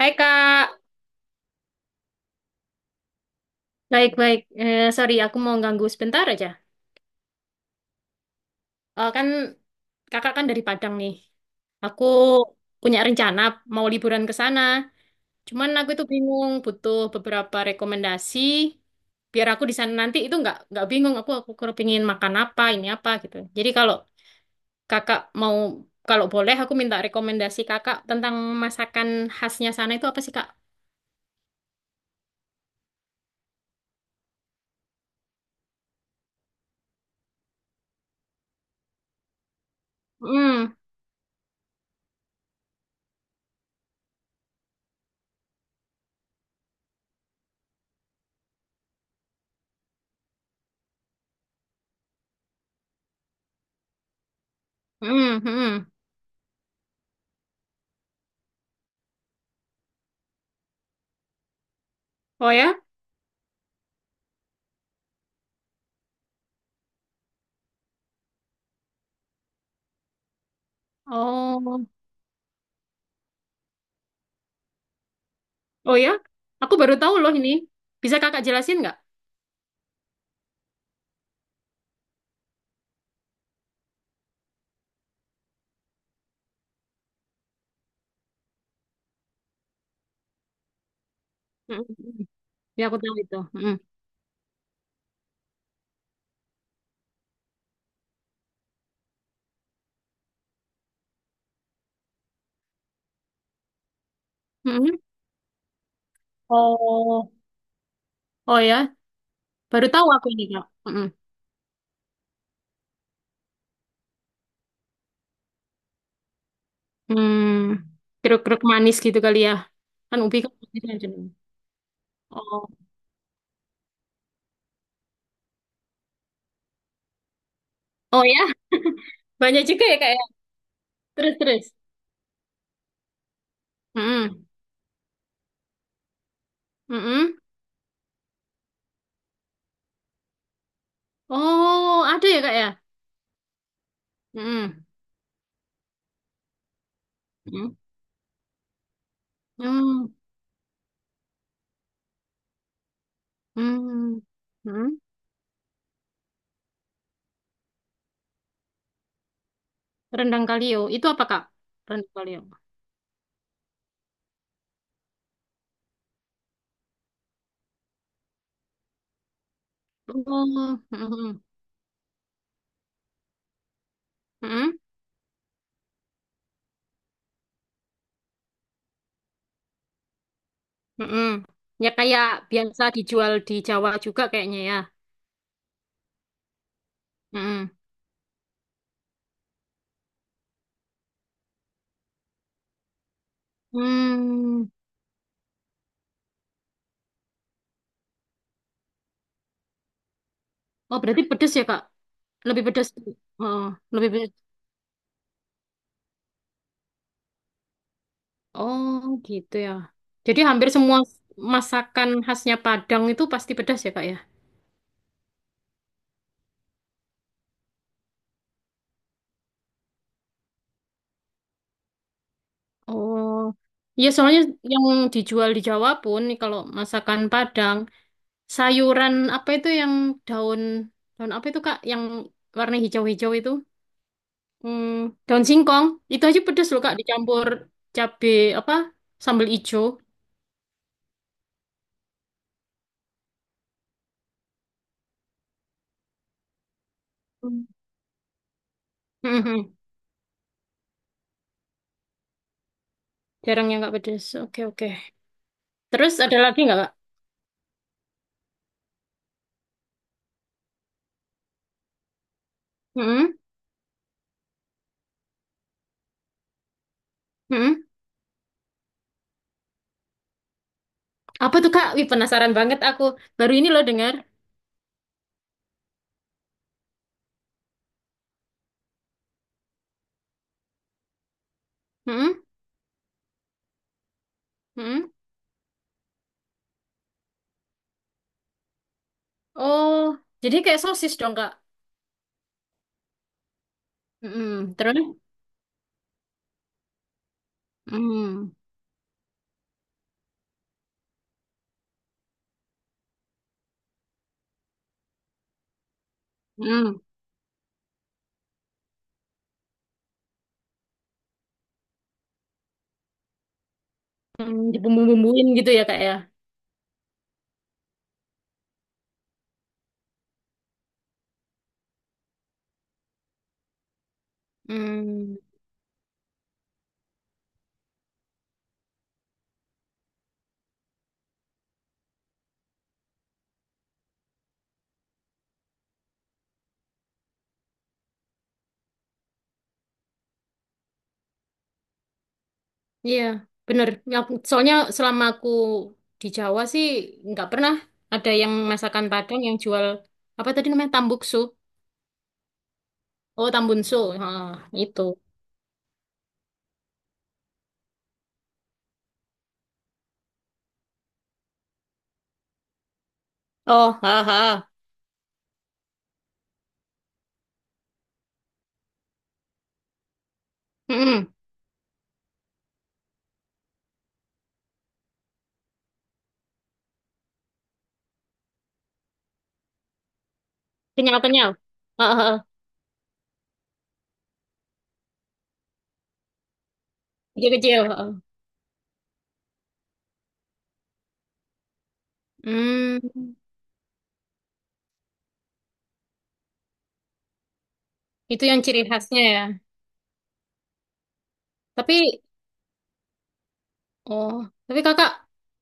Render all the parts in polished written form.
Hai Kak, baik-baik. Sorry, aku mau ganggu sebentar aja. Kan kakak kan dari Padang nih. Aku punya rencana mau liburan ke sana. Cuman aku itu bingung, butuh beberapa rekomendasi biar aku di sana nanti itu nggak bingung. Aku kepingin makan apa, ini apa gitu. Jadi kalau kakak mau kalau boleh aku minta rekomendasi kakak tentang masakan khasnya sana itu apa sih Kak? Hmm, hmm, hmm. Oh ya? Oh. Oh ya, aku baru tahu loh ini. Bisa kakak jelasin nggak? Mm-mm. Ya aku tahu itu. Mm-mm. Mm-mm. Oh, oh ya, baru tahu aku ini kak. Mm-mm. Hmm, Keruk-keruk manis gitu kali ya. Kan ubi kan manis kan cenderung. Oh, oh ya, banyak juga ya kak ya. Terus terus. Mm-mm. Mm-mm. Oh, ada ya kak ya. Mm-mm. Mm-mm. Mm. Mm. Mm. Rendang kalio, itu apa kak? Rendang kalio. Oh, mm-mm. Mm-mm. Mm-mm. Ya kayak biasa dijual di Jawa juga kayaknya ya. Mm-mm. Hmm. Oh, berarti pedes ya, Kak? Lebih pedes. Oh, lebih pedes. Oh, gitu ya. Jadi hampir semua masakan khasnya Padang itu pasti pedas ya, Kak ya? Oh. Ya, soalnya yang dijual di Jawa pun nih kalau masakan Padang, sayuran apa itu yang daun daun apa itu, Kak? Yang warna hijau-hijau itu? Hmm, daun singkong itu aja pedes loh Kak dicampur cabe apa sambal ijo. Hmm. Mhm. Jarang yang nggak pedes. Oke oke. Terus ada lagi nggak Kak? Mhm. Mhm. Apa tuh Kak? Wih penasaran banget aku. Baru ini loh dengar. Mhm. Mhm. Oh, jadi kayak sosis dong Kak. Mhm. Terus? Hmm. Hmm. Hmm. Dibumbu-bumbuin gitu ya Kak ya. Hmm. Iya, bener. Ya, soalnya selama aku di Jawa sih nggak pernah ada yang masakan Padang yang jual apa tadi namanya tambuksu. Oh, tambunsu. Ah, itu. Oh, haha. Mm-mm. Kenyal-kenyal. Ah, ah, ah. Kecil-kecil. Ah, ah. Hmm, itu yang ciri khasnya ya. Tapi, oh, tapi kakak,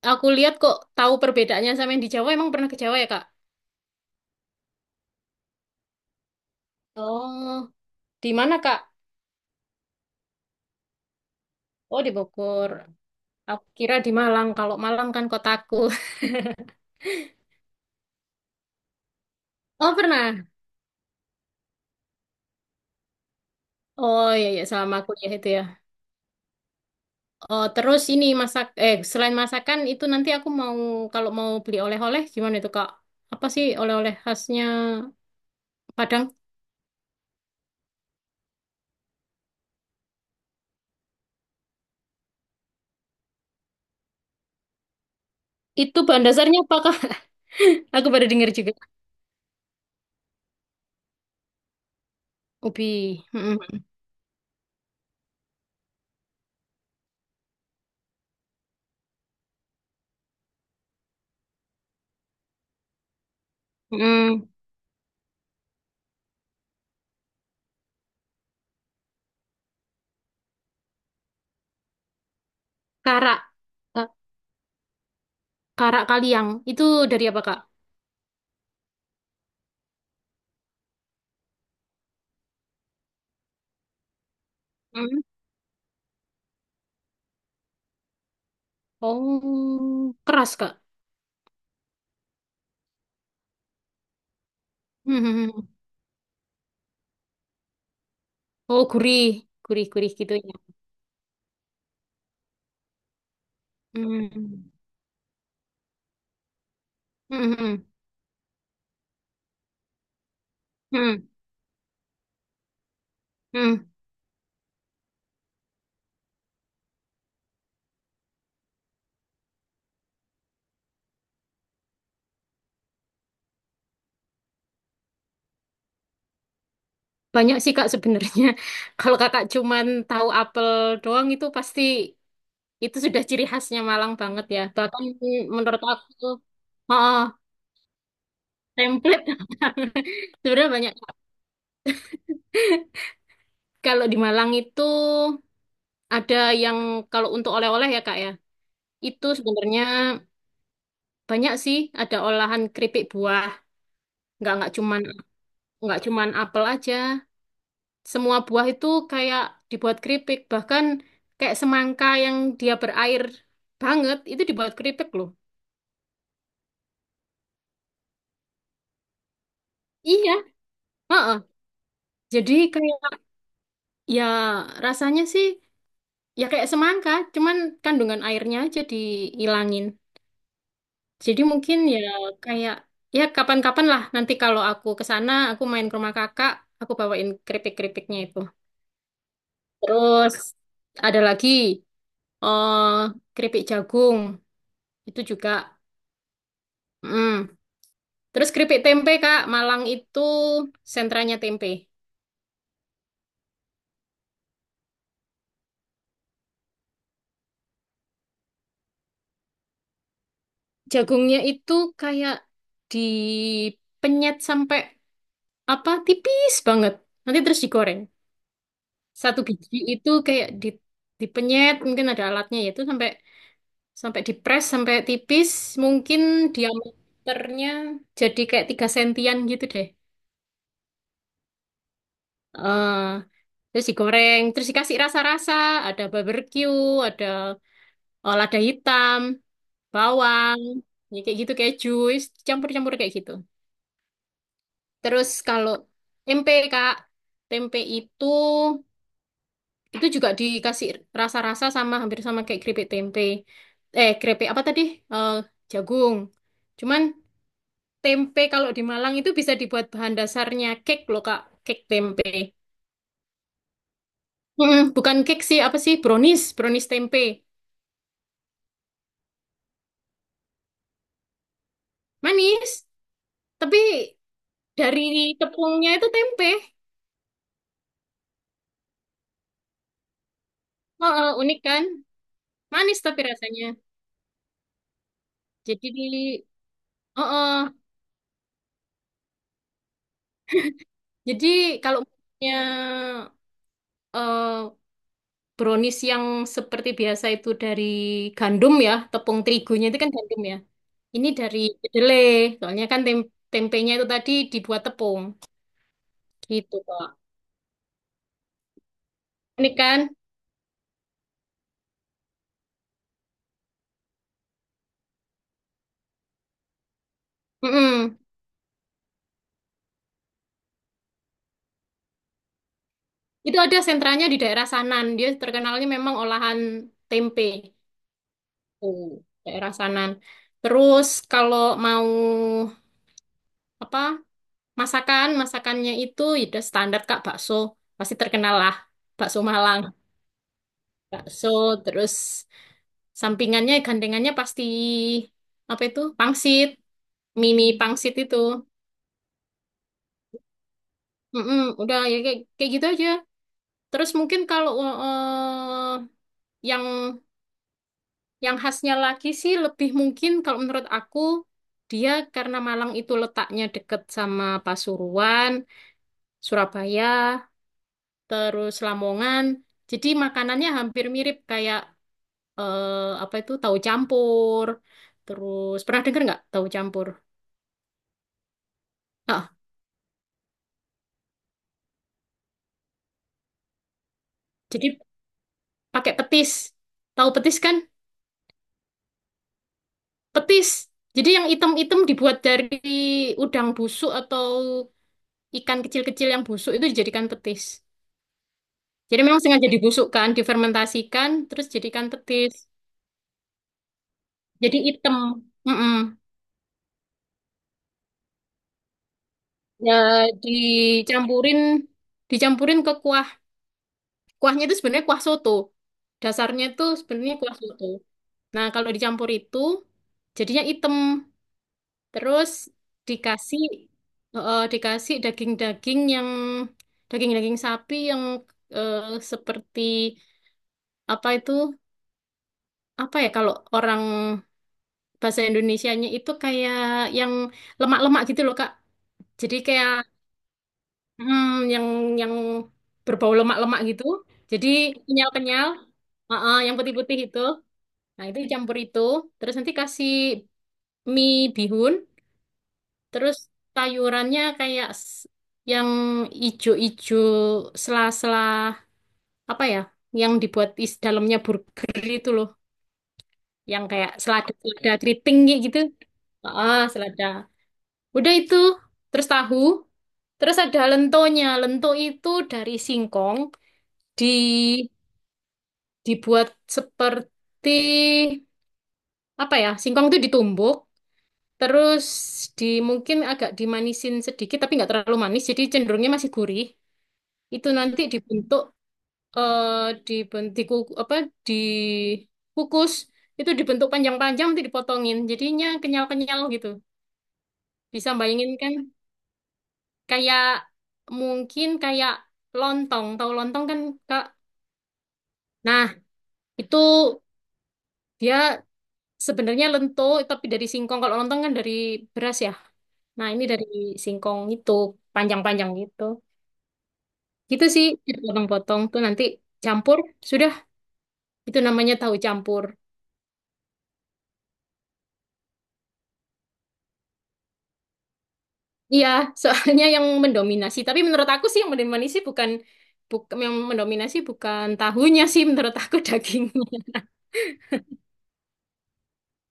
aku lihat kok tahu perbedaannya sama yang di Jawa. Emang pernah ke Jawa ya, Kak? Oh, di mana, Kak? Oh, di Bogor. Aku kira di Malang. Kalau Malang kan kotaku. Oh pernah. Oh iya iya selama kuliah itu ya. Oh terus ini masak eh selain masakan itu nanti aku mau kalau mau beli oleh-oleh gimana itu Kak? Apa sih oleh-oleh khasnya Padang? Itu bahan dasarnya apa Kak? Aku baru dengar juga. Ubi. Mm-mm. Mm-mm. Karak. Ka- Karak kaliang. Itu dari apa Kak? Mm. Oh keras Kak. Mm-mm. Oh gurih. Gurih-gurih gitu ya. Mm. Mm-mm. Mm. Hmm. Mm mm. Banyak sih Kak sebenarnya. Kalau Kakak cuman tahu apel doang itu pasti itu sudah ciri khasnya Malang banget ya. Bahkan menurut aku, oh, template. Sebenarnya banyak. Kalau di Malang itu ada yang kalau untuk oleh-oleh ya Kak ya. Itu sebenarnya banyak sih ada olahan keripik buah. Nggak nggak cuman nggak cuman apel aja. Semua buah itu kayak dibuat keripik. Bahkan kayak semangka yang dia berair banget itu dibuat keripik loh. Iya, heeh. Jadi kayak ya rasanya sih ya kayak semangka, cuman kandungan airnya aja dihilangin. Jadi mungkin ya kayak ya kapan-kapan lah nanti kalau aku ke sana, aku main ke rumah kakak, aku bawain keripik-keripiknya itu. Terus ada lagi eh keripik jagung itu juga. Mm. Terus keripik tempe, Kak. Malang itu sentranya tempe. Jagungnya itu kayak dipenyet sampai apa tipis banget. Nanti terus digoreng. Satu biji itu kayak di, dipenyet, mungkin ada alatnya yaitu sampai sampai dipres sampai tipis, mungkin diameternya jadi kayak 3 sentian gitu deh. eh terus digoreng, terus dikasih rasa-rasa, ada barbecue, ada lada hitam. Bawang, ya kayak gitu kayak jus, campur-campur kayak gitu. Terus kalau tempe Kak, tempe itu juga dikasih rasa-rasa sama hampir sama kayak keripik tempe. Keripik apa tadi? Eh, jagung. Cuman tempe kalau di Malang itu bisa dibuat bahan dasarnya cake loh Kak, cake tempe. Bukan cake sih, apa sih? Brownies, brownies tempe. Manis, tapi dari tepungnya itu tempe. Oh, unik kan? Manis tapi rasanya. Jadi, uh-uh. Jadi kalau punya eh, brownies yang seperti biasa itu dari gandum ya, tepung terigunya itu kan gandum ya. Ini dari kedelai, soalnya kan tempenya itu tadi dibuat tepung, gitu Kak. Ini kan, mm-mm. Itu ada sentranya di daerah Sanan, dia terkenalnya memang olahan tempe, tuh daerah Sanan. Terus kalau mau apa? Masakannya itu ya standar Kak, bakso. Pasti terkenal lah. Bakso Malang, bakso, terus sampingannya, gandengannya pasti apa itu? Pangsit, mie pangsit itu. Mm-mm, udah ya kayak gitu aja. Terus mungkin kalau yang yang khasnya lagi sih lebih mungkin kalau menurut aku dia karena Malang itu letaknya deket sama Pasuruan, Surabaya. Terus Lamongan. Jadi makanannya hampir mirip kayak eh, apa itu tahu campur. Terus pernah dengar nggak tahu campur? Ah, jadi pakai petis. Tahu petis kan? Petis. Jadi yang item-item dibuat dari udang busuk atau ikan kecil-kecil yang busuk itu dijadikan petis. Jadi memang sengaja dibusukkan, difermentasikan, terus jadikan petis. Jadi item. Mm-mm. Ya dicampurin dicampurin ke kuah. Kuahnya itu sebenarnya kuah soto. Dasarnya itu sebenarnya kuah soto. Nah, kalau dicampur itu jadinya item. Terus dikasih dikasih daging-daging sapi yang eh, seperti apa itu? Apa ya kalau orang bahasa Indonesianya itu kayak yang lemak-lemak gitu loh, Kak. Jadi kayak hmm, yang yang berbau lemak-lemak gitu. Jadi kenyal-kenyal, yang putih-putih itu. Nah, itu dicampur itu, terus nanti kasih mie bihun, terus sayurannya kayak yang ijo-ijo sela-sela apa ya, yang dibuat is dalamnya burger itu loh, yang kayak selada-selada keriting kayak gitu. Ah, selada. Udah itu, terus tahu, terus ada lentonya. Lento itu dari singkong di dibuat seperti apa ya? Singkong itu ditumbuk, terus di mungkin agak dimanisin sedikit tapi nggak terlalu manis jadi cenderungnya masih gurih. Itu nanti dibentuk apa dikukus itu dibentuk panjang-panjang nanti dipotongin jadinya kenyal-kenyal gitu. Bisa bayangin kan kayak mungkin kayak lontong. Tahu lontong kan Kak? Nah, itu dia sebenarnya lento tapi dari singkong. Kalau lontong kan dari beras ya. Nah, ini dari singkong itu panjang-panjang gitu. Gitu sih, potong potong tuh nanti campur, sudah itu namanya tahu campur. Iya, soalnya yang mendominasi. Tapi menurut aku sih yang mendominasi bukan bukan yang mendominasi bukan tahunya sih menurut aku dagingnya.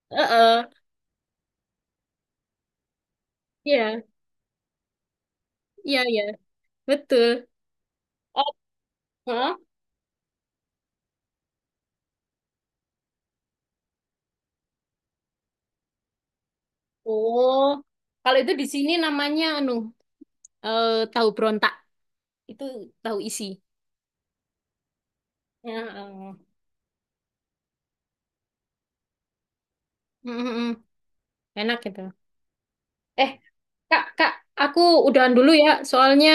Heeh. Iya, iya, iya. Betul. Oh, heeh. Oh. Kalau itu di sini namanya anu tahu berontak. Itu tahu isi. Ya, eh. Mm, mm, mm. Enak itu. Eh, Kak, Kak, aku udahan dulu ya, soalnya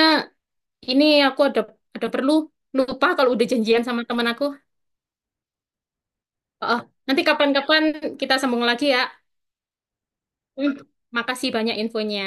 ini aku ada perlu lupa kalau udah janjian sama teman aku. Oh, oh. Nanti kapan-kapan kita sambung lagi ya. Hmm, makasih banyak infonya.